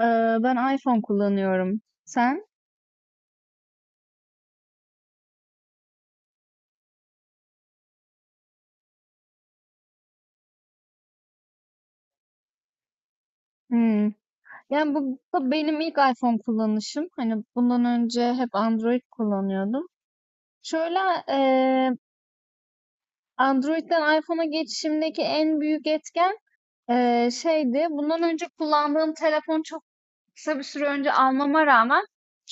Ben iPhone kullanıyorum. Sen? Hmm. Yani bu benim ilk iPhone kullanışım. Hani bundan önce hep Android kullanıyordum. Şöyle eee, Android'den iPhone'a geçişimdeki en büyük etken şeydi. Bundan önce kullandığım telefon çok kısa bir süre önce almama rağmen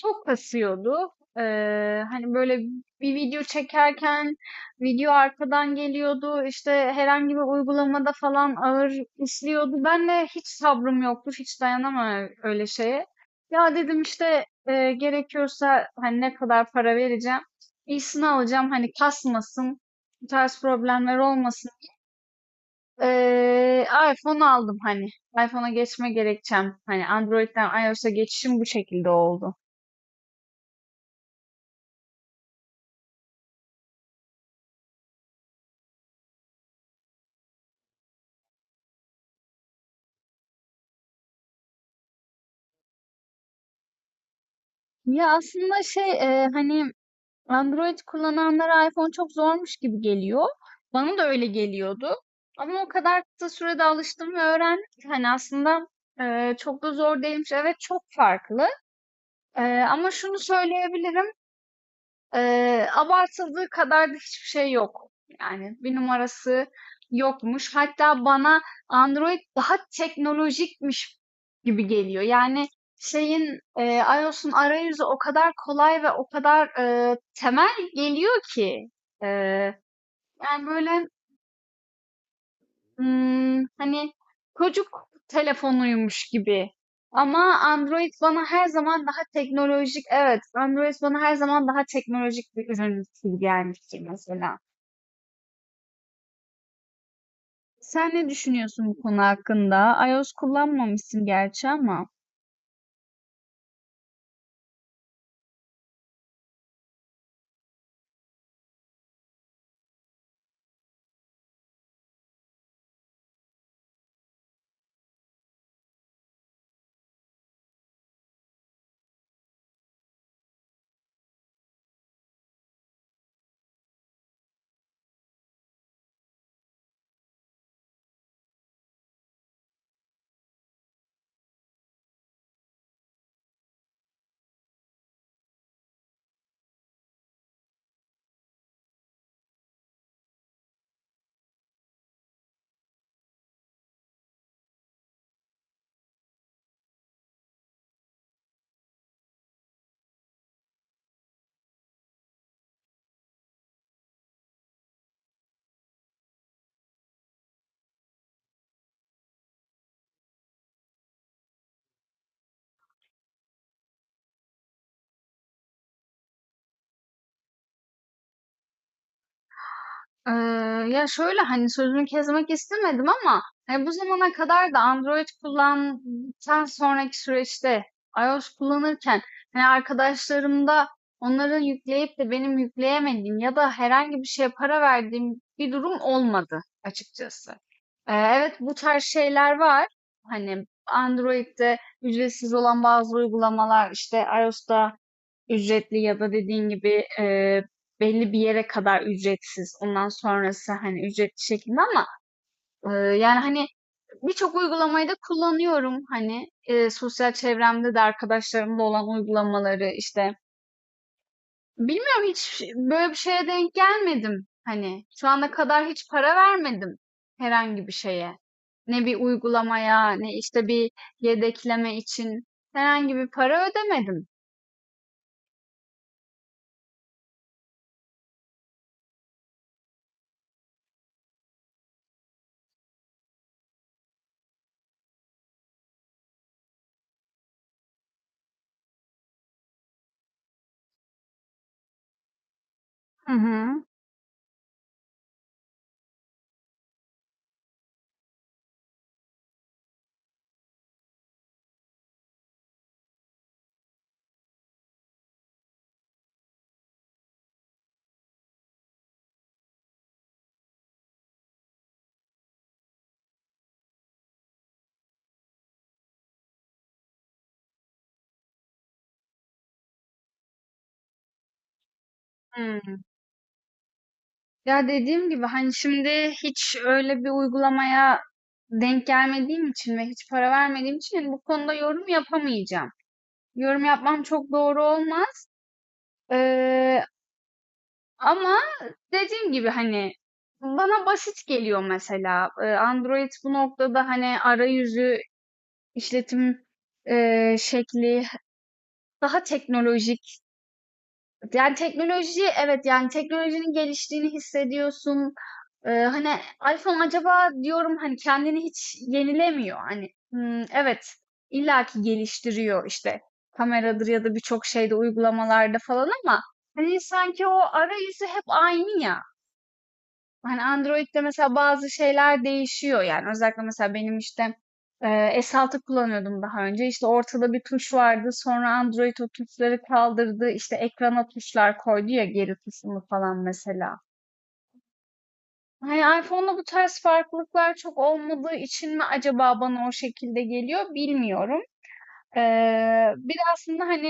çok kasıyordu. Hani böyle bir video çekerken video arkadan geliyordu. İşte herhangi bir uygulamada falan ağır işliyordu. Ben de hiç sabrım yoktu. Hiç dayanamam öyle şeye. Ya dedim işte gerekiyorsa hani ne kadar para vereceğim. İyisini alacağım. Hani kasmasın. Bu tarz problemler olmasın. Eee, iPhone aldım hani. iPhone'a geçme gerekçem. Hani Android'den iOS'a geçişim bu şekilde oldu. Ya aslında şey hani Android kullananlara iPhone çok zormuş gibi geliyor. Bana da öyle geliyordu. Ama o kadar kısa sürede alıştım ve öğrendim ki hani aslında çok da zor değilmiş. Evet, çok farklı. E, ama şunu söyleyebilirim. Abartıldığı kadar da hiçbir şey yok. Yani bir numarası yokmuş. Hatta bana Android daha teknolojikmiş gibi geliyor. Yani şeyin iOS'un arayüzü o kadar kolay ve o kadar temel geliyor ki. Eee, yani böyle hani, çocuk telefonuymuş gibi ama Android bana her zaman daha teknolojik. Evet, Android bana her zaman daha teknolojik bir ürün gibi gelmiştir mesela. Sen ne düşünüyorsun bu konu hakkında? iOS kullanmamışsın gerçi ama. Eee, ya, şöyle, hani, sözünü kesmek istemedim ama, hani, bu zamana kadar da Android kullandıktan sonraki süreçte iOS kullanırken, hani, arkadaşlarımda onların yükleyip de benim yükleyemediğim ya da herhangi bir şeye para verdiğim bir durum olmadı açıkçası. Evet, bu tarz şeyler var. Hani, Android'de ücretsiz olan bazı uygulamalar, işte, iOS'ta ücretli ya da dediğin gibi belli bir yere kadar ücretsiz. Ondan sonrası hani ücretli şeklinde ama yani hani birçok uygulamayı da kullanıyorum. Hani sosyal çevremde de arkadaşlarımla olan uygulamaları işte. Bilmiyorum, hiç böyle bir şeye denk gelmedim. Hani şu ana kadar hiç para vermedim herhangi bir şeye. Ne bir uygulamaya, ne işte bir yedekleme için herhangi bir para ödemedim. Hı hı. Hmm. Ya dediğim gibi hani şimdi hiç öyle bir uygulamaya denk gelmediğim için ve hiç para vermediğim için hani bu konuda yorum yapamayacağım. Yorum yapmam çok doğru olmaz. Ee, ama dediğim gibi hani bana basit geliyor mesela. Android bu noktada hani arayüzü, işletim şekli daha teknolojik. Yani teknoloji, evet, yani teknolojinin geliştiğini hissediyorsun. Hani iPhone acaba diyorum hani kendini hiç yenilemiyor. Hani hmm, evet, illaki geliştiriyor işte kameradır ya da birçok şeyde uygulamalarda falan ama hani sanki o arayüzü hep aynı ya. Hani Android'de mesela bazı şeyler değişiyor, yani özellikle mesela benim işte e, S6 kullanıyordum daha önce, işte ortada bir tuş vardı, sonra Android o tuşları kaldırdı, işte ekrana tuşlar koydu ya, geri tuşunu falan mesela. Hani iPhone'da bu tarz farklılıklar çok olmadığı için mi acaba bana o şekilde geliyor bilmiyorum. Bir de aslında hani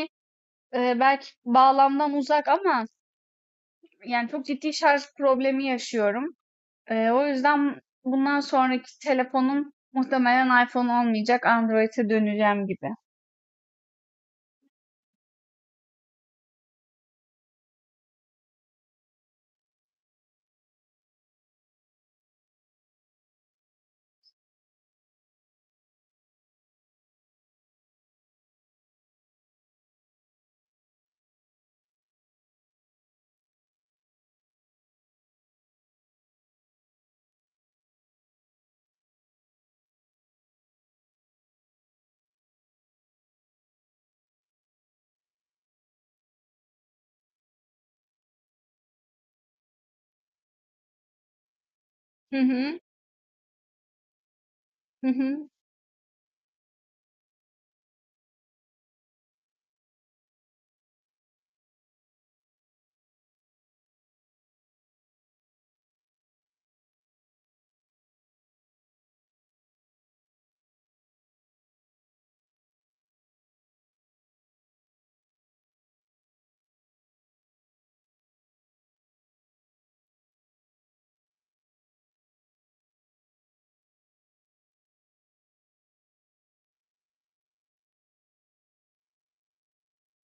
belki bağlamdan uzak ama yani çok ciddi şarj problemi yaşıyorum. O yüzden bundan sonraki telefonum muhtemelen iPhone olmayacak, Android'e döneceğim gibi. Hı hı, hı hı.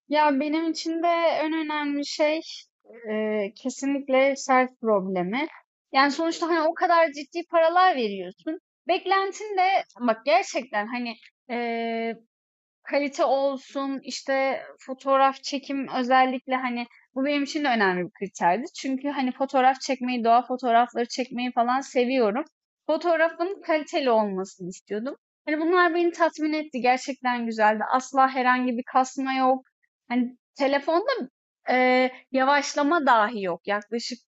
Ya benim için de en önemli şey kesinlikle self problemi. Yani sonuçta hani o kadar ciddi paralar veriyorsun. Beklentin de bak gerçekten hani eee kalite olsun, işte, fotoğraf çekim özellikle, hani, bu benim için de önemli bir kriterdi. Çünkü, hani, fotoğraf çekmeyi, doğa fotoğrafları çekmeyi falan seviyorum. Fotoğrafın kaliteli olmasını istiyordum. Hani, bunlar beni tatmin etti. Gerçekten güzeldi. Asla herhangi bir kasma yok. Hani, telefonda, yavaşlama dahi yok. Yaklaşık,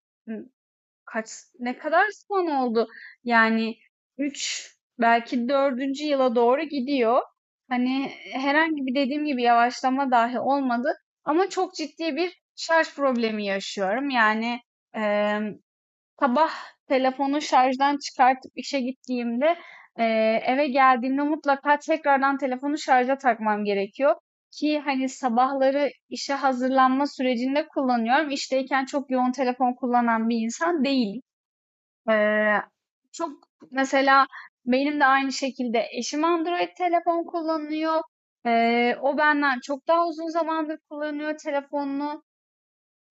Kaç ne kadar sene oldu? Yani üç, belki dördüncü yıla doğru gidiyor. Hani herhangi bir dediğim gibi yavaşlama dahi olmadı, ama çok ciddi bir şarj problemi yaşıyorum. Yani em, sabah telefonu şarjdan çıkartıp işe gittiğimde e, eve geldiğimde mutlaka tekrardan telefonu şarja takmam gerekiyor ki hani sabahları işe hazırlanma sürecinde kullanıyorum. İşteyken çok yoğun telefon kullanan bir insan değilim. Eee, çok mesela benim de aynı şekilde eşim Android telefon kullanıyor. O benden çok daha uzun zamandır kullanıyor telefonunu.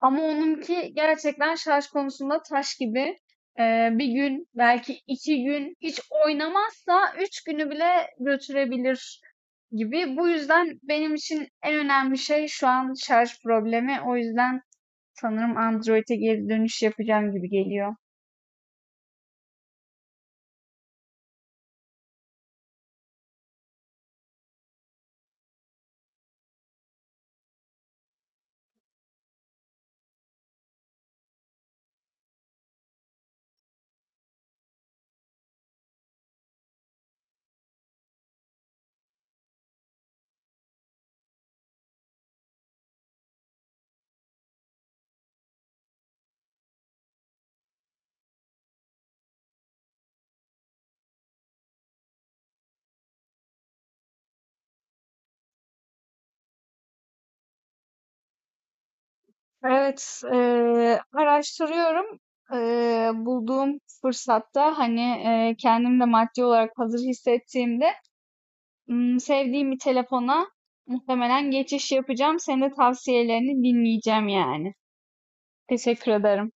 Ama onunki gerçekten şarj konusunda taş gibi. Bir gün belki iki gün hiç oynamazsa üç günü bile götürebilir gibi. Bu yüzden benim için en önemli şey şu an şarj problemi. O yüzden sanırım Android'e geri dönüş yapacağım gibi geliyor. Evet, araştırıyorum. Bulduğum fırsatta hani kendim de maddi olarak hazır hissettiğimde sevdiğim bir telefona muhtemelen geçiş yapacağım. Senin de tavsiyelerini dinleyeceğim yani. Teşekkür ederim.